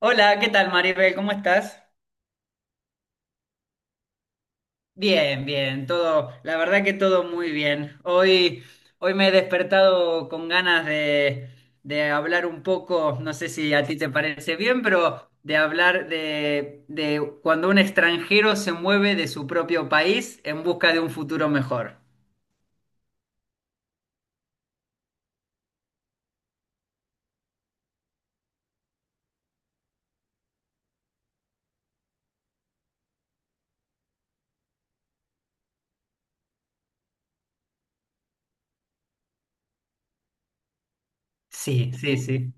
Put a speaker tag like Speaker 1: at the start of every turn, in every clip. Speaker 1: Hola, ¿qué tal, Maribel? ¿Cómo estás? Bien, bien, todo, la verdad que todo muy bien. Hoy me he despertado con ganas de hablar un poco, no sé si a ti te parece bien, pero de hablar de cuando un extranjero se mueve de su propio país en busca de un futuro mejor. Sí, sí, sí.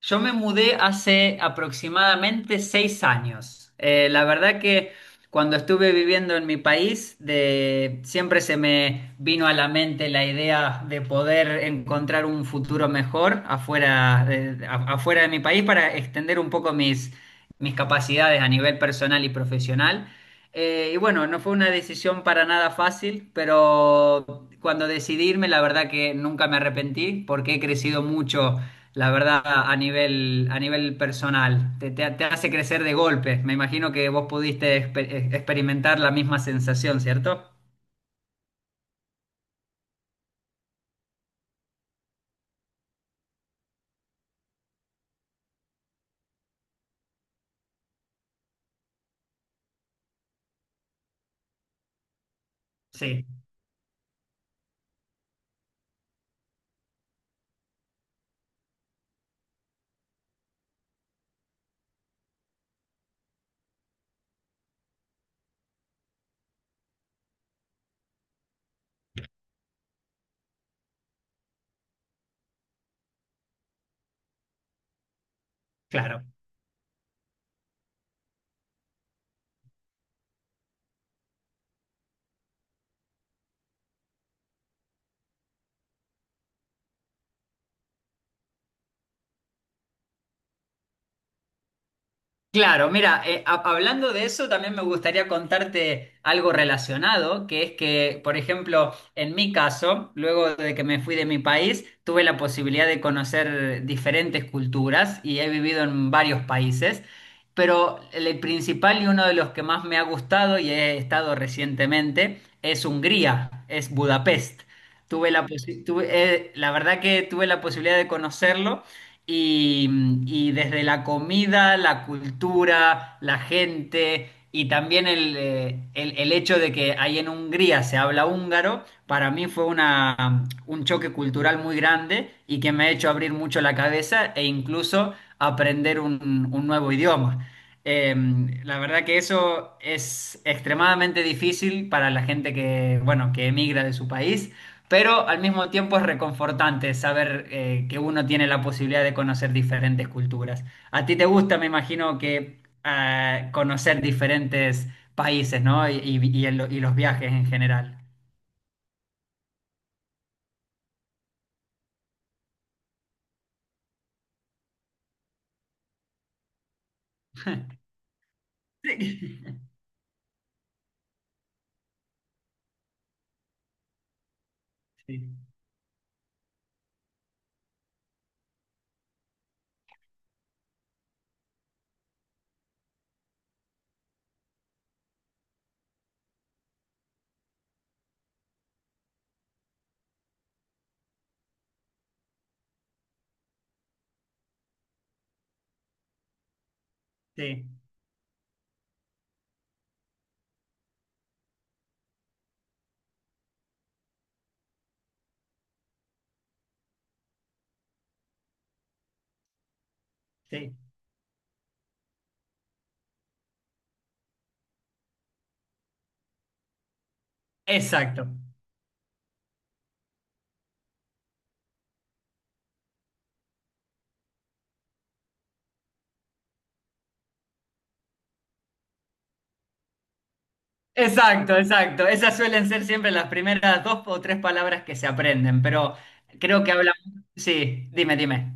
Speaker 1: Yo me mudé hace aproximadamente 6 años. La verdad que cuando estuve viviendo en mi país, siempre se me vino a la mente la idea de poder encontrar un futuro mejor afuera de mi país para extender un poco mis, capacidades a nivel personal y profesional. Y bueno, no fue una decisión para nada fácil, pero cuando decidí irme, la verdad que nunca me arrepentí porque he crecido mucho la verdad, a nivel, personal, te hace crecer de golpe. Me imagino que vos pudiste experimentar la misma sensación, ¿cierto? Sí, claro. Claro, mira, hablando de eso, también me gustaría contarte algo relacionado, que es que, por ejemplo, en mi caso, luego de que me fui de mi país, tuve la posibilidad de conocer diferentes culturas y he vivido en varios países, pero el principal y uno de los que más me ha gustado y he estado recientemente es Hungría, es Budapest. Tuve la, posi- tuve, la verdad que tuve la posibilidad de conocerlo. Y, y desde la comida, la cultura, la gente y también el hecho de que ahí en Hungría se habla húngaro, para mí fue un choque cultural muy grande y que me ha hecho abrir mucho la cabeza e incluso aprender un, nuevo idioma. Eh, la verdad que eso es extremadamente difícil para la gente que, bueno, que emigra de su país, pero al mismo tiempo es reconfortante saber que uno tiene la posibilidad de conocer diferentes culturas. A ti te gusta, me imagino, que conocer diferentes países, ¿no? Y los viajes en general. Sí, sí, sí, sí. Exacto, exacto, exacto. Esas suelen ser siempre las primeras dos o tres palabras que se aprenden, pero creo que hablamos. Sí, dime, dime.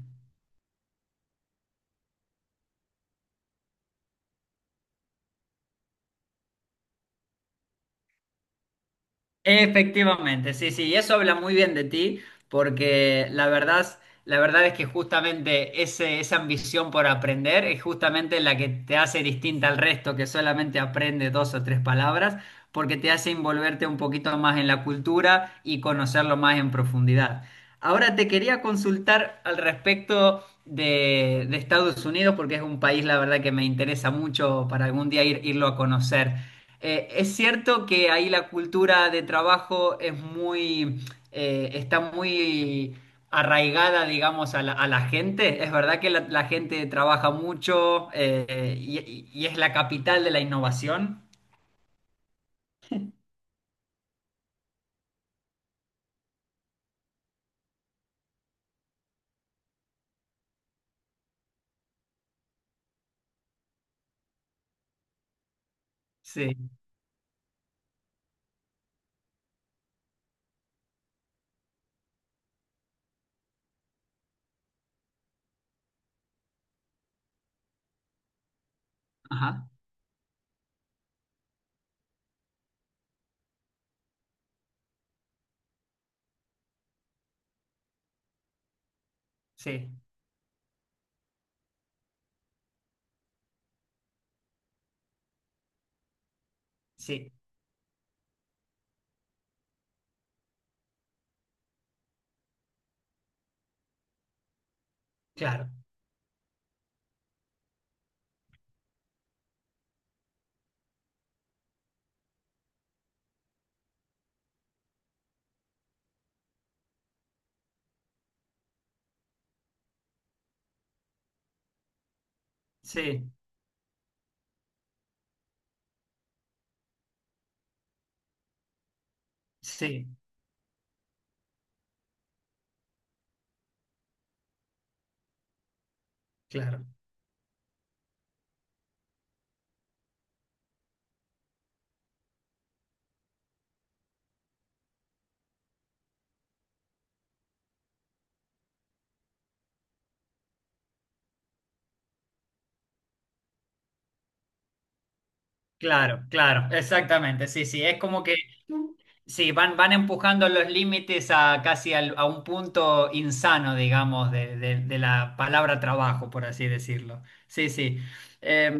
Speaker 1: Efectivamente, sí, sí, y eso habla muy bien de ti, porque la verdad es que justamente esa ambición por aprender es justamente la que te hace distinta al resto, que solamente aprende dos o tres palabras, porque te hace envolverte un poquito más en la cultura y conocerlo más en profundidad. Ahora te quería consultar al respecto de Estados Unidos, porque es un país, la verdad, que me interesa mucho para algún día irlo a conocer. Es cierto que ahí la cultura de trabajo está muy arraigada, digamos, a la, gente. Es verdad que la gente trabaja mucho y es la capital de la innovación. Sí, ajá, sí, sí, claro, sí, sí, claro, claro, claro, exactamente, sí, sí, es como que. Sí, van, empujando los límites a casi a un punto insano, digamos, de la palabra trabajo, por así decirlo. Sí, sí. Eh,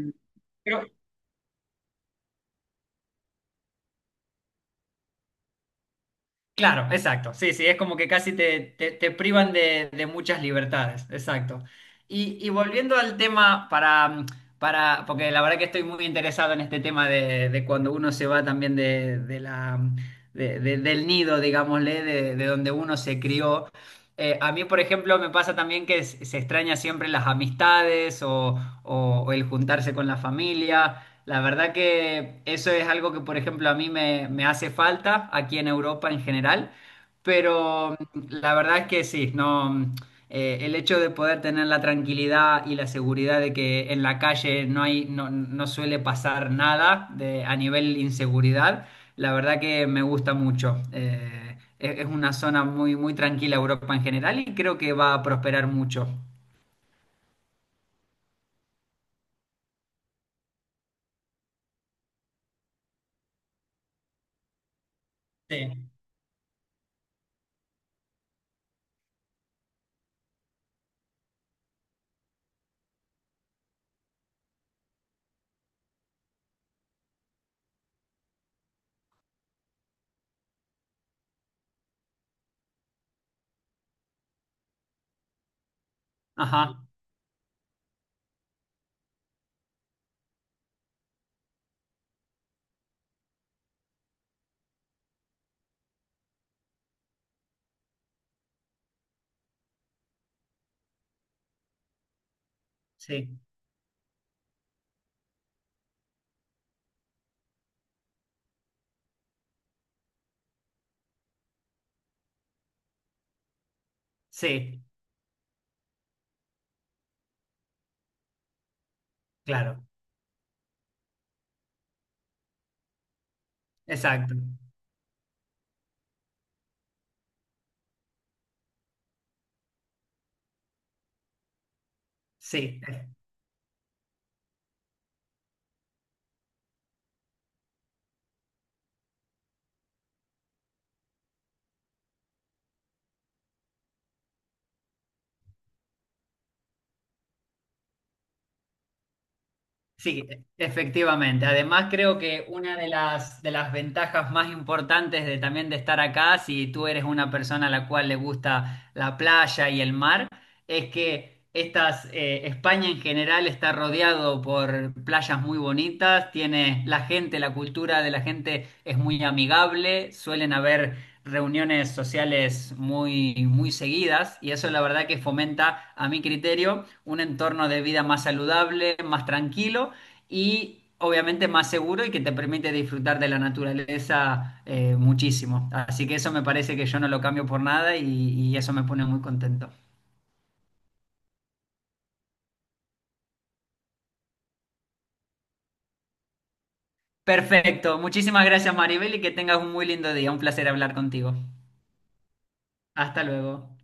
Speaker 1: Claro, exacto. Sí, sí, es como que casi te privan de muchas libertades. Exacto. Y volviendo al tema porque la verdad que estoy muy interesado en este tema de cuando uno se va también de la, de- del nido, digámosle, de donde uno se crió. A mí, por ejemplo, me pasa también que se extraña siempre las amistades o el juntarse con la familia. La verdad que eso es algo que, por ejemplo, a mí me hace falta aquí en Europa en general, pero la verdad es que sí, no, el hecho de poder tener la tranquilidad y la seguridad de que en la calle no hay, no, no suele pasar nada a nivel inseguridad, la verdad que me gusta mucho. Es una zona muy, muy tranquila Europa en general y creo que va a prosperar mucho. Sí, ajá, sí, sí, claro, exacto. Sí, efectivamente. Además, creo que una de las ventajas más importantes de también de estar acá, si tú eres una persona a la cual le gusta la playa y el mar, es que España en general está rodeado por playas muy bonitas, tiene la gente, la cultura de la gente es muy amigable, suelen haber reuniones sociales muy, muy seguidas y eso la verdad que fomenta, a mi criterio, un entorno de vida más saludable, más tranquilo y obviamente más seguro y que te permite disfrutar de la naturaleza muchísimo. Así que eso me parece que yo no lo cambio por nada y eso me pone muy contento. Perfecto. Muchísimas gracias, Maribel, y que tengas un muy lindo día. Un placer hablar contigo. Hasta luego.